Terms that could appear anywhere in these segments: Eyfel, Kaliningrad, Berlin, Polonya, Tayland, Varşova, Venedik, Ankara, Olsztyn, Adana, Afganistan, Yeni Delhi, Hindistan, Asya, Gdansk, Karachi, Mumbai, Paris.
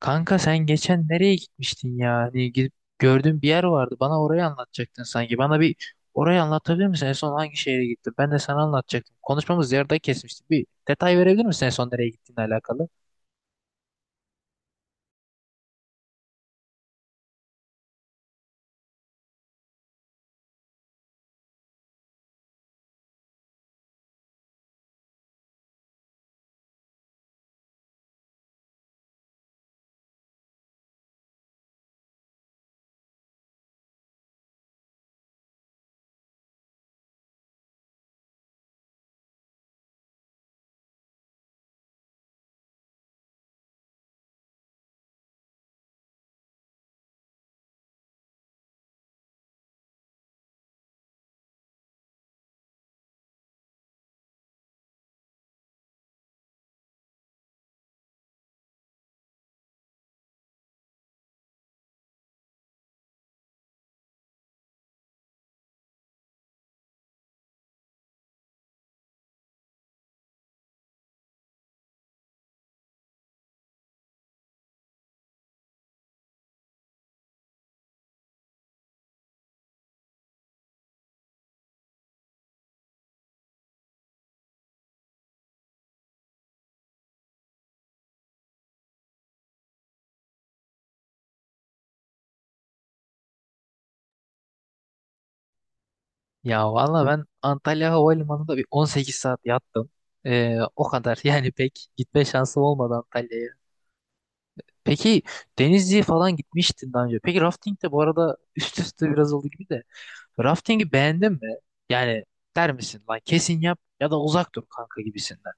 Kanka sen geçen nereye gitmiştin ya? Hani gidip gördüğün bir yer vardı. Bana orayı anlatacaktın sanki. Bana bir orayı anlatabilir misin? En son hangi şehre gittin? Ben de sana anlatacaktım. Konuşmamız yarıda kesmişti. Bir detay verebilir misin en son nereye gittiğinle alakalı? Ya valla ben Antalya Havalimanı'nda bir 18 saat yattım. O kadar yani pek gitme şansım olmadı Antalya'ya. Peki Denizli'ye falan gitmiştin daha önce. Peki rafting de bu arada üst üste biraz oldu gibi de. Rafting'i beğendin mi? Yani der misin lan kesin yap ya da uzak dur kanka gibisinden.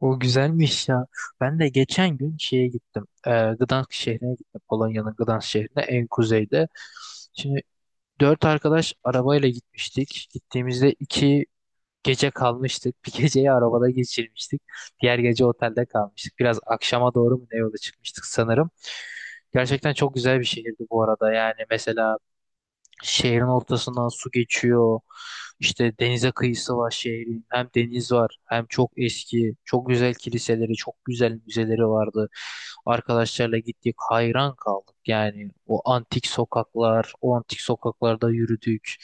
O güzelmiş ya. Ben de geçen gün şeye gittim. Gdansk şehrine gittim. Polonya'nın Gdansk şehrine en kuzeyde. Şimdi dört arkadaş arabayla gitmiştik. Gittiğimizde iki gece kalmıştık. Bir geceyi arabada geçirmiştik. Diğer gece otelde kalmıştık. Biraz akşama doğru mu ne yola çıkmıştık sanırım. Gerçekten çok güzel bir şehirdi bu arada. Yani mesela şehrin ortasından su geçiyor. İşte denize kıyısı var şehrin. Hem deniz var, hem çok eski, çok güzel kiliseleri, çok güzel müzeleri vardı. Arkadaşlarla gittik, hayran kaldık. Yani o antik sokaklar, o antik sokaklarda yürüdük.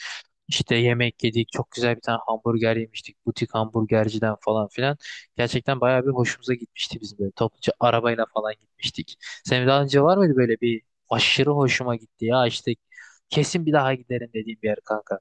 İşte yemek yedik, çok güzel bir tane hamburger yemiştik, butik hamburgerciden falan filan. Gerçekten bayağı bir hoşumuza gitmişti, bizim böyle topluca arabayla falan gitmiştik. Senin daha önce var mıydı böyle bir aşırı hoşuma gitti ya, işte kesin bir daha giderim dediğim bir yer kanka.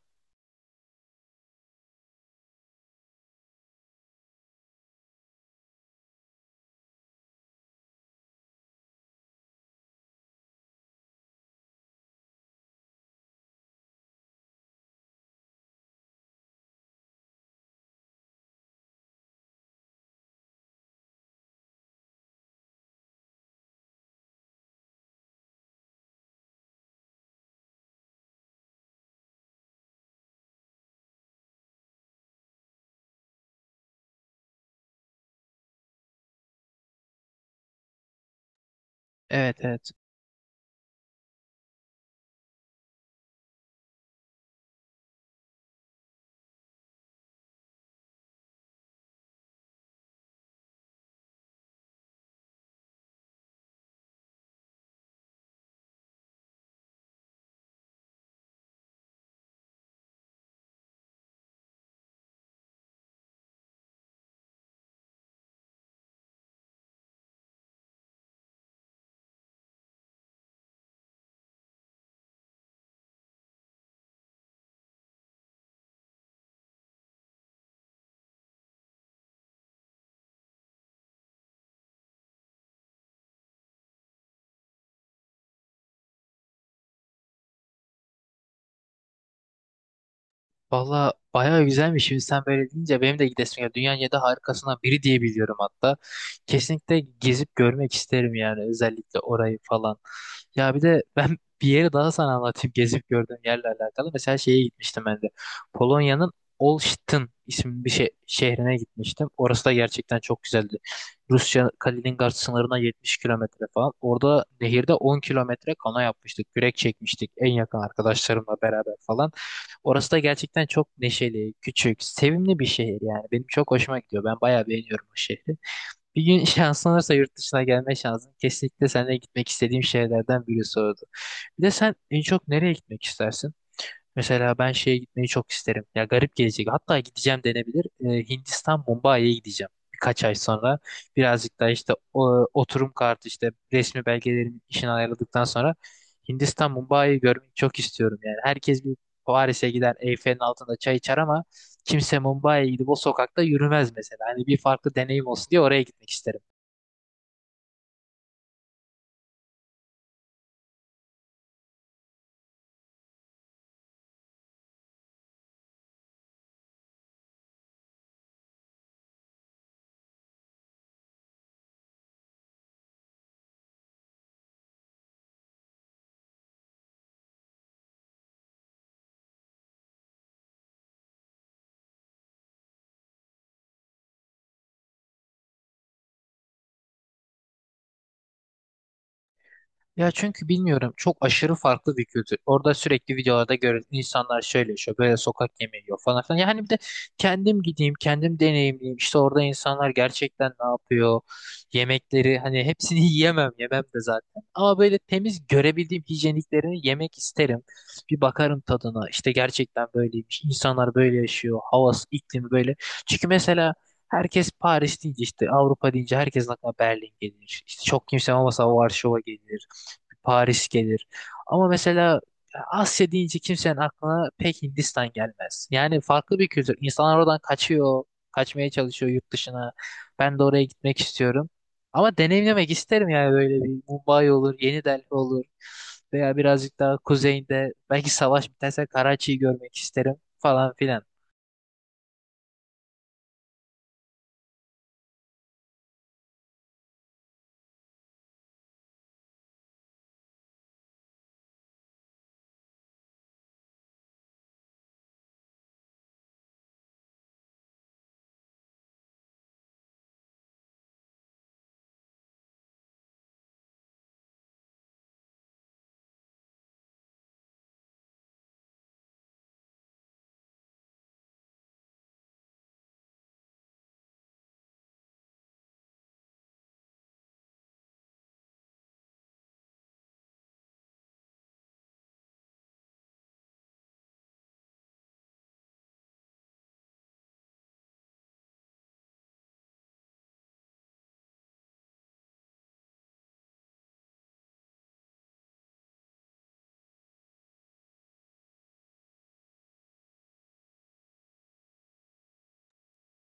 Evet, evet. Valla bayağı güzelmiş. Şimdi sen böyle deyince benim de gidesim ya, dünyanın yedi harikasından biri diye biliyorum hatta. Kesinlikle gezip görmek isterim yani, özellikle orayı falan. Ya bir de ben bir yeri daha sana anlatayım gezip gördüğüm yerle alakalı. Mesela şeye gitmiştim ben de. Polonya'nın Olsztyn isimli bir şey, şehrine gitmiştim. Orası da gerçekten çok güzeldi. Rusya Kaliningrad sınırına 70 kilometre falan. Orada nehirde 10 kilometre kano yapmıştık. Kürek çekmiştik en yakın arkadaşlarımla beraber falan. Orası da gerçekten çok neşeli, küçük, sevimli bir şehir yani. Benim çok hoşuma gidiyor. Ben bayağı beğeniyorum o şehri. Bir gün şansın olursa yurt dışına gelme şansın, kesinlikle seninle gitmek istediğim şehirlerden birisi oldu. Bir de sen en çok nereye gitmek istersin? Mesela ben şeye gitmeyi çok isterim. Ya garip gelecek. Hatta gideceğim denebilir. Hindistan Mumbai'ye gideceğim. Birkaç ay sonra. Birazcık daha işte oturum kartı işte resmi belgelerimi işini ayarladıktan sonra Hindistan Mumbai'yi görmeyi çok istiyorum. Yani herkes bir Paris'e gider, Eyfel'in altında çay içer ama kimse Mumbai'ye gidip o sokakta yürümez mesela. Hani bir farklı deneyim olsun diye oraya gitmek isterim. Ya çünkü bilmiyorum, çok aşırı farklı bir kültür. Orada sürekli videolarda görüyoruz, insanlar şöyle yaşıyor, böyle sokak yemeği yiyor falan filan. Yani bir de kendim gideyim, kendim deneyimleyeyim, İşte orada insanlar gerçekten ne yapıyor, yemekleri hani hepsini yiyemem, yemem de zaten. Ama böyle temiz görebildiğim hijyeniklerini yemek isterim. Bir bakarım tadına, İşte gerçekten böyleymiş, İnsanlar böyle yaşıyor, havası iklimi böyle. Çünkü mesela herkes Paris deyince, işte Avrupa deyince herkesin aklına Berlin gelir. İşte çok kimse olmasa Varşova gelir. Paris gelir. Ama mesela Asya deyince kimsenin aklına pek Hindistan gelmez. Yani farklı bir kültür. İnsanlar oradan kaçıyor, kaçmaya çalışıyor yurt dışına. Ben de oraya gitmek istiyorum. Ama deneyimlemek isterim yani, böyle bir Mumbai olur, Yeni Delhi olur veya birazcık daha kuzeyinde belki savaş biterse Karachi'yi görmek isterim falan filan.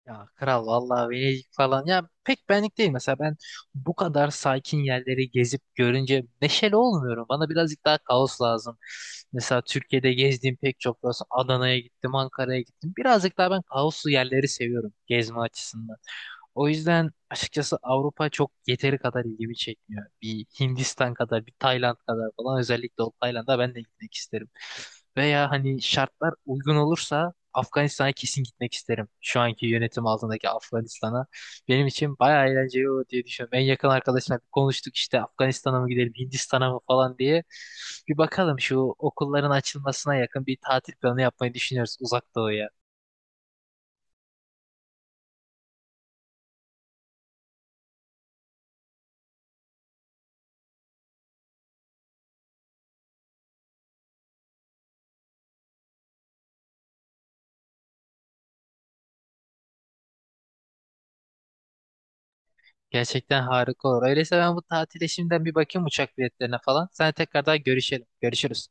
Ya kral vallahi Venedik falan ya pek benlik değil, mesela ben bu kadar sakin yerleri gezip görünce neşeli olmuyorum. Bana birazcık daha kaos lazım. Mesela Türkiye'de gezdiğim pek çok burası, Adana'ya gittim, Ankara'ya gittim. Birazcık daha ben kaoslu yerleri seviyorum gezme açısından. O yüzden açıkçası Avrupa çok yeteri kadar ilgimi çekmiyor. Bir Hindistan kadar, bir Tayland kadar falan, özellikle o Tayland'a ben de gitmek isterim. Veya hani şartlar uygun olursa Afganistan'a kesin gitmek isterim. Şu anki yönetim altındaki Afganistan'a. Benim için bayağı eğlenceli olur diye düşünüyorum. En yakın arkadaşımla konuştuk işte Afganistan'a mı gidelim, Hindistan'a mı falan diye. Bir bakalım, şu okulların açılmasına yakın bir tatil planı yapmayı düşünüyoruz uzak doğuya. Gerçekten harika olur. Öyleyse ben bu tatile şimdiden bir bakayım uçak biletlerine falan. Sen tekrardan görüşelim. Görüşürüz.